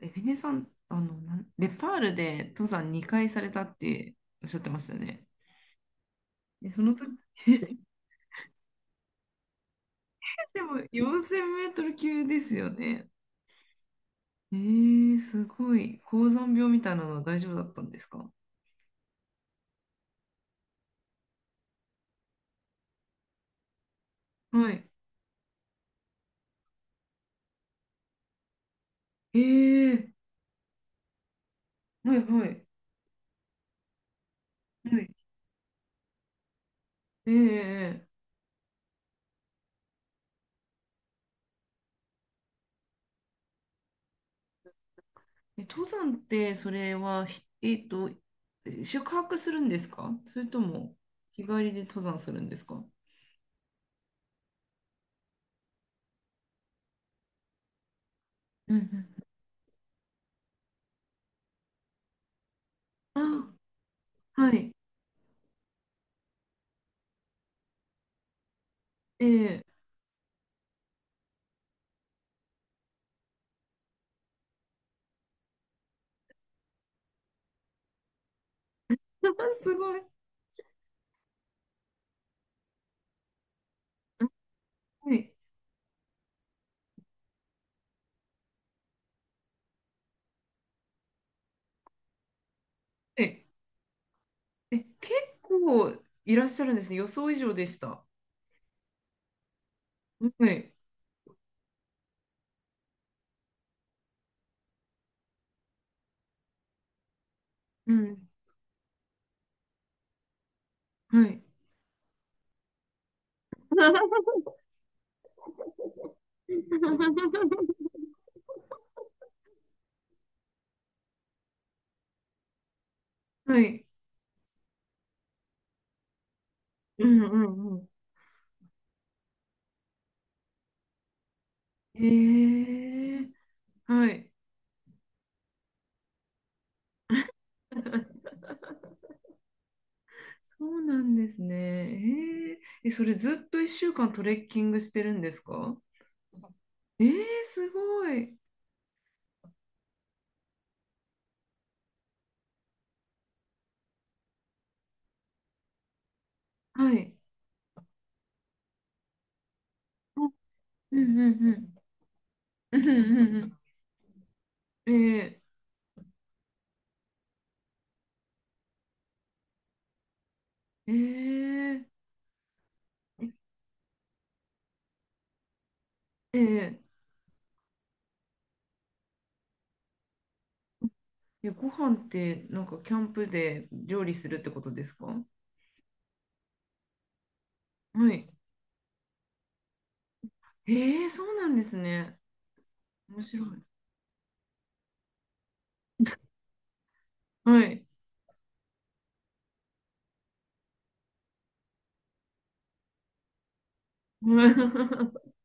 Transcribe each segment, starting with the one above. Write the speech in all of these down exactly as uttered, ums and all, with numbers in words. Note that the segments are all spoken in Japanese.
エビネさん、あの、なん、ネパールで登山にかいされたっておっしゃってましたね。え、その時、でもよんせんメートル級ですよね。えー、すごい。高山病みたいなのは大丈夫だったんですか？はい。えー、はいはい。はい。えー、えーえ登山ってそれは、ひえっと、え宿泊するんですか？それとも日帰りで登山するんですか？うんうん。あ、はい。えー、すごい。はい。え、え、結構いらっしゃるんですね。予想以上でした。はい。うん。はい。はい。うんうんうん。ええ、はい。そうなんですね。えええ、それずっといっしゅうかんトレッキングしてるんですか？ええ、すごい。はい。うんうんうんうん。うんうんうん。えええええええ、ご飯ってなんかキャンプで料理するってことですか？はい。ええ、そうなんですね。面白い。はい。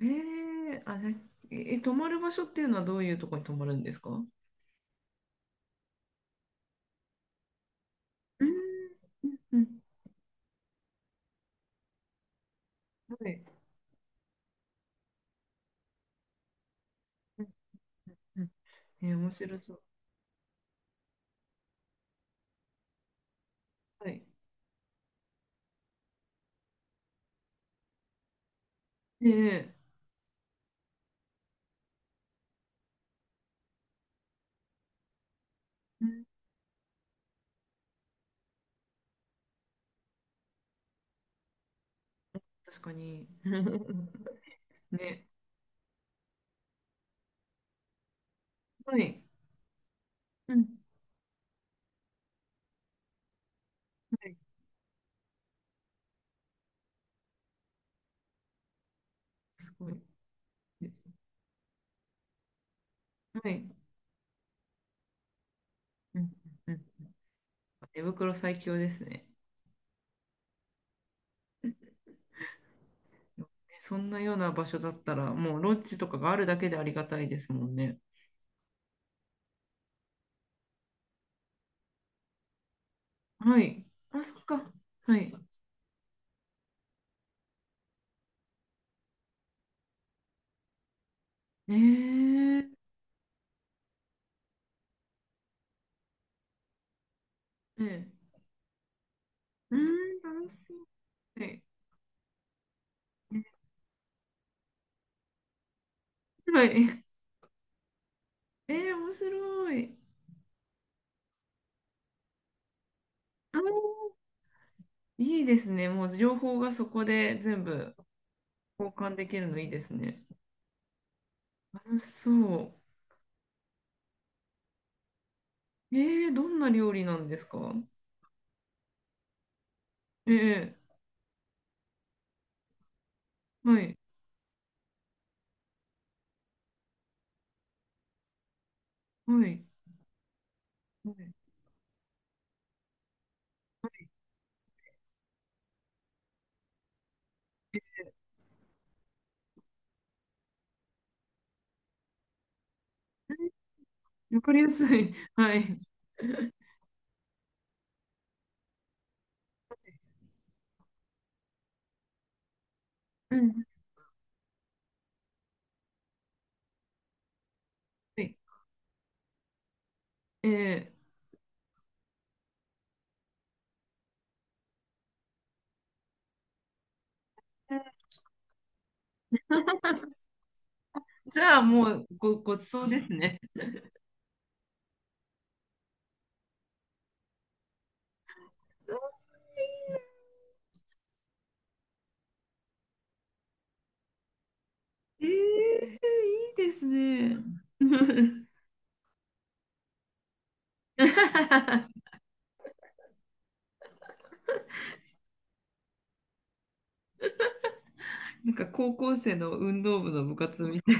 ええ、あ、じゃあ、え、泊まる場所っていうのはどういうところに泊まるんですか？うんうんうん、はい。うんうん、えー、面白そう。はい。ええ、うん、確かに。ね。はい。うん。はい。すごいです。はい。うんうんうん。手袋最強ですね。ね、そんなような場所だったら、もうロッジとかがあるだけでありがたいですもんね。はい。あ、そっか。はい。えー、ええ、うーん、楽しそう。はい。はい。えー、面白い。あー、いいですね。もう情報がそこで全部交換できるのいいですね。楽しそう。えー、どんな料理なんですか？ええ、はい。はい。はい。わかりやすい。はい。うん。はい。ええ。 じゃあもうご、ごちそうですね。えー、いいですね。なんか高校生の運動部の部活みたい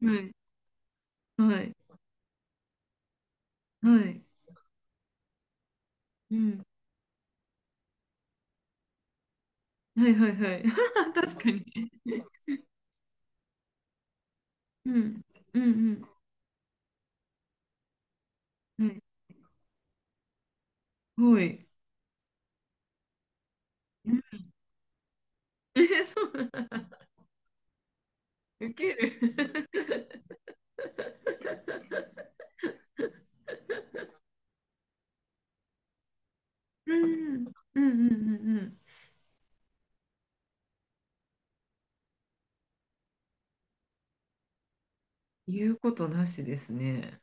な。はい、はい、はい、うん、はいはいはい。確かに。うん、うん、うん、はい、はい。うん、えー、そうなんだ。ウケる。うん、うん、うん、うん、うん。言うことなしですね。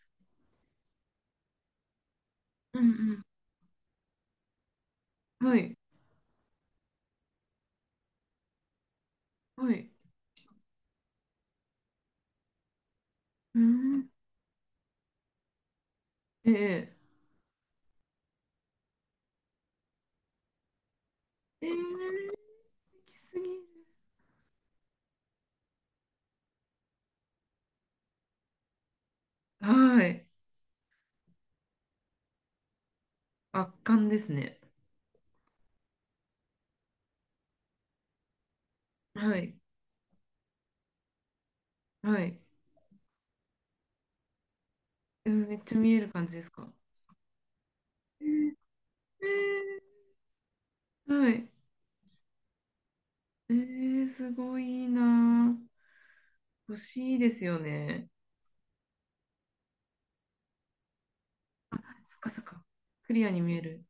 うん、うん、はい。はい。うん。ええ。ええ、行き過ぎる。はい。圧巻ですね。はい。はい。え、めっちゃ見える感じですか？ええ、ええ、はい。ええ、すごいいいな。欲しいですよね。そっかそっか。クリアに見える。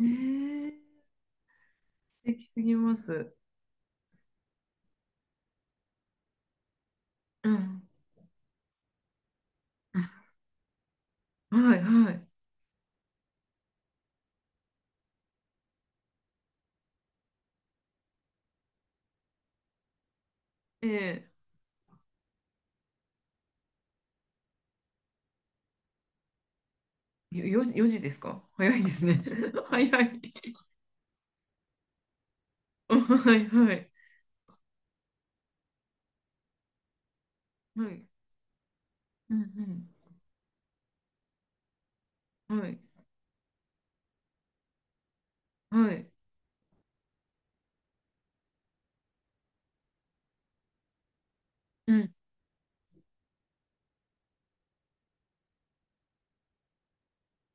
ええ、素敵すぎます。うん。はい、はい。ええ、よ、よじですか？早いですね。早い。はい、はい。はい。うん、うん。はい。はい。うん、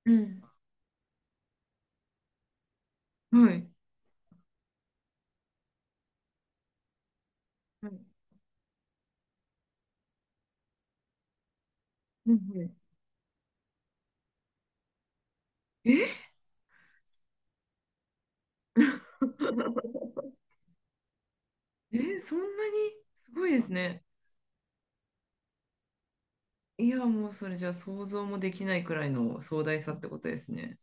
うん、はい。うん、うん、はい。え え、そんなに？すごいですね。いや、もうそれじゃ想像もできないくらいの壮大さってことですね。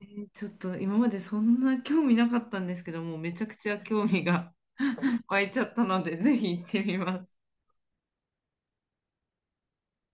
えーちょっと今までそんな興味なかったんですけども、めちゃくちゃ興味が 湧いちゃったので、ぜひ行ってみます。